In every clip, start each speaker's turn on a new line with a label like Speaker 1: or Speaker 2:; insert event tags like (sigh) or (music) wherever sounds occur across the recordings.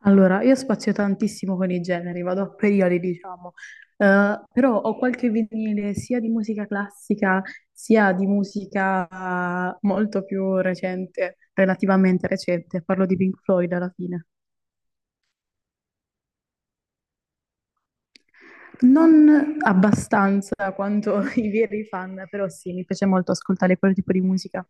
Speaker 1: Allora, io spazio tantissimo con i generi, vado a periodi, diciamo. Però ho qualche vinile sia di musica classica sia di musica molto più recente, relativamente recente, parlo di Pink Floyd alla fine. Non abbastanza quanto (laughs) i veri fan, però sì, mi piace molto ascoltare quel tipo di musica.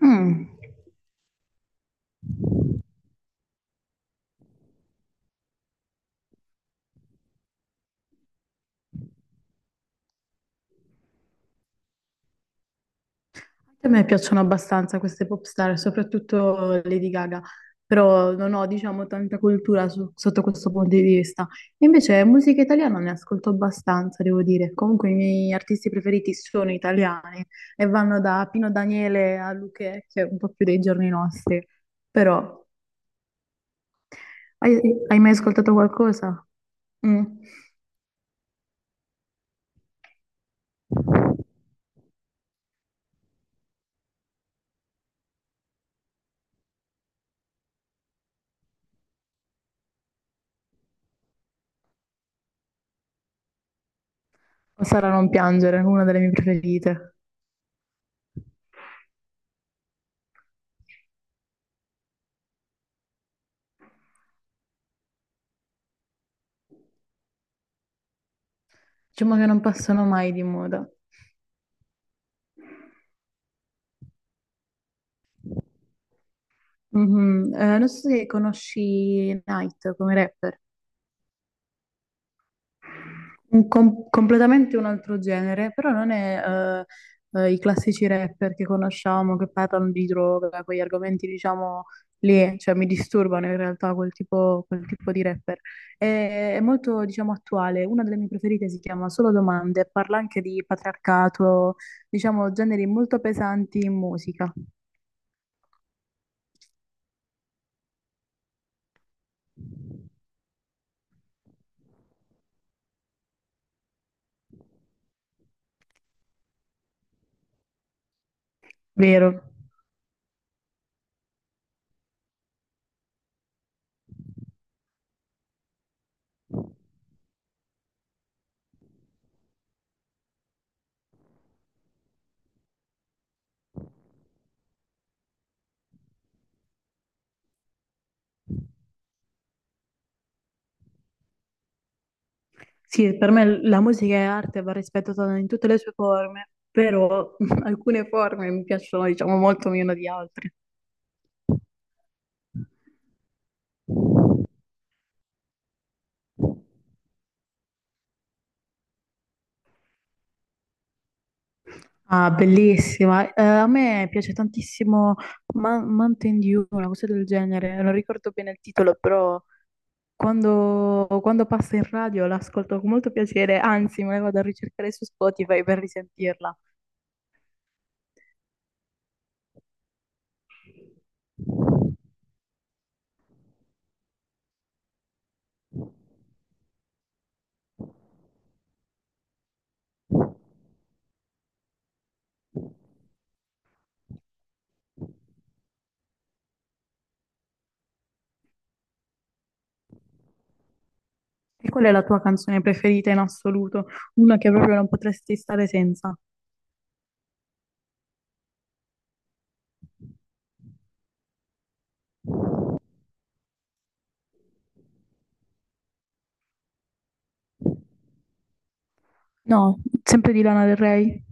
Speaker 1: Mm. A me piacciono abbastanza queste pop star, soprattutto Lady Gaga, però non ho, diciamo, tanta cultura sotto questo punto di vista. Invece musica italiana ne ascolto abbastanza, devo dire. Comunque i miei artisti preferiti sono italiani e vanno da Pino Daniele a Luchè, che è un po' più dei giorni nostri. Però, hai, hai mai ascoltato qualcosa? Mm. O Sara non piangere, una delle mie preferite. Diciamo che non passano mai di moda. Mhm. Non so se conosci Night come rapper, completamente un altro genere, però non è i classici rapper che conosciamo che parlano di droga, quegli argomenti diciamo lì, cioè mi disturbano in realtà quel tipo di rapper. È molto diciamo attuale, una delle mie preferite si chiama Solo Domande, parla anche di patriarcato, diciamo generi molto pesanti in musica, vero? Sì, per me la musica è arte, va rispettata in tutte le sue forme, però (laughs) alcune forme mi piacciono, diciamo, molto meno di altre. Ah, bellissima. A me piace tantissimo Mountain Dew, una cosa del genere. Non ricordo bene il titolo, però quando passa in radio l'ascolto con molto piacere, anzi, me la vado a ricercare su Spotify per risentirla. E qual è la tua canzone preferita in assoluto? Una che proprio non potresti stare senza? No, sempre di Lana Del Rey.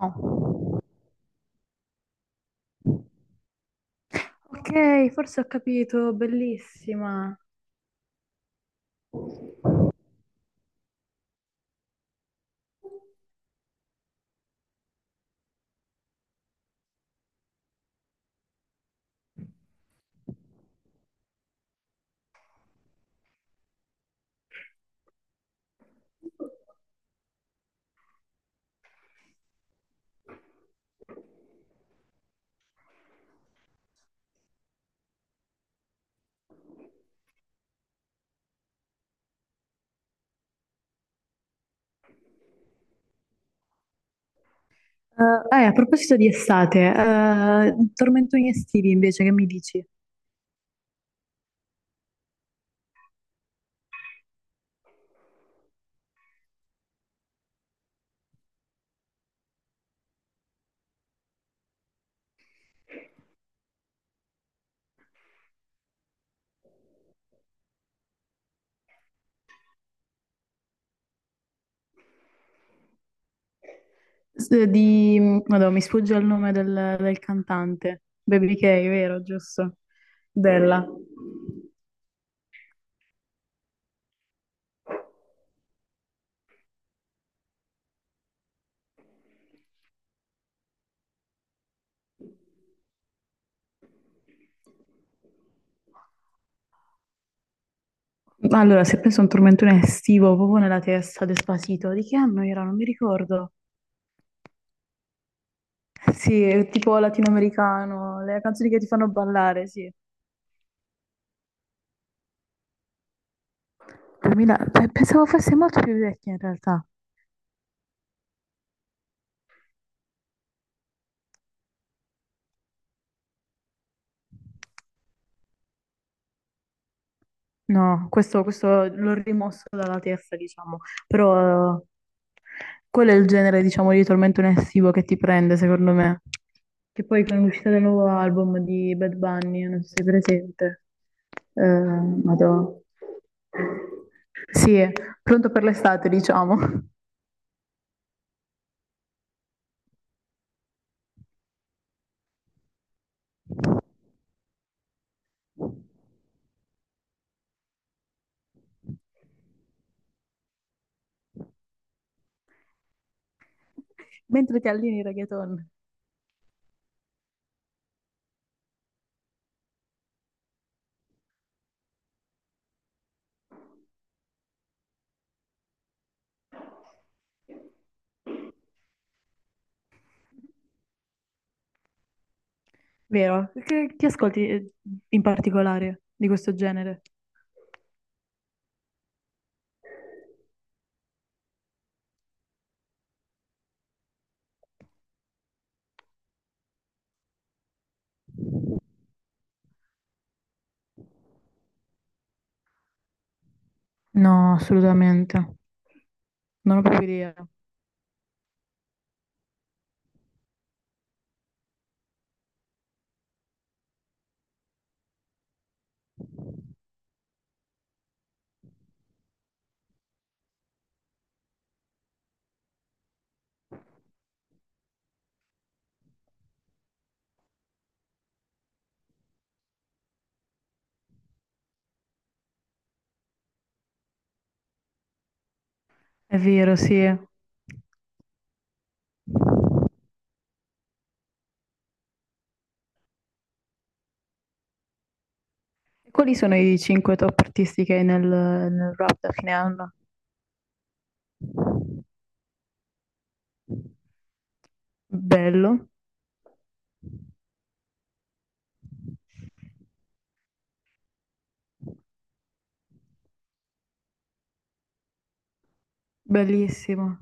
Speaker 1: No. Ok, forse ho capito, bellissima. A proposito di estate, tormentoni estivi invece, che mi dici? S- di... Madonna, mi sfugge il nome del cantante. Baby K, vero, giusto? Bella. Allora, se penso a un tormentone estivo, proprio nella testa, Despacito, di che anno era? Non mi ricordo. Sì, è tipo latinoamericano, le canzoni che ti fanno ballare, sì. Pensavo fosse molto più vecchia in realtà. No, questo l'ho rimosso dalla testa, diciamo, però quello è il genere, diciamo, di tormento estivo che ti prende, secondo me. Che poi con l'uscita del nuovo album di Bad Bunny, non so se sei presente, eh, madò. Sì, è pronto per l'estate, diciamo. (laughs) Mentre ti allini reggaeton, vero? Che ascolti in particolare di questo genere? No, assolutamente. Non ho proprio idea. È vero, sì. E quali sono i cinque top artisti che hai nel rap da fine anno? Bello, bellissimo.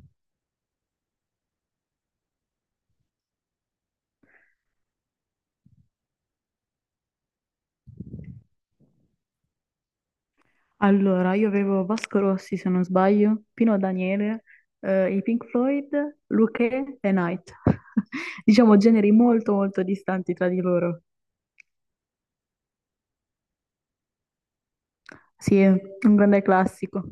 Speaker 1: Allora, io avevo Vasco Rossi, se non sbaglio, Pino Daniele, i Pink Floyd, Luchè e Night. (laughs) Diciamo generi molto molto distanti tra di loro. Sì, è un grande classico.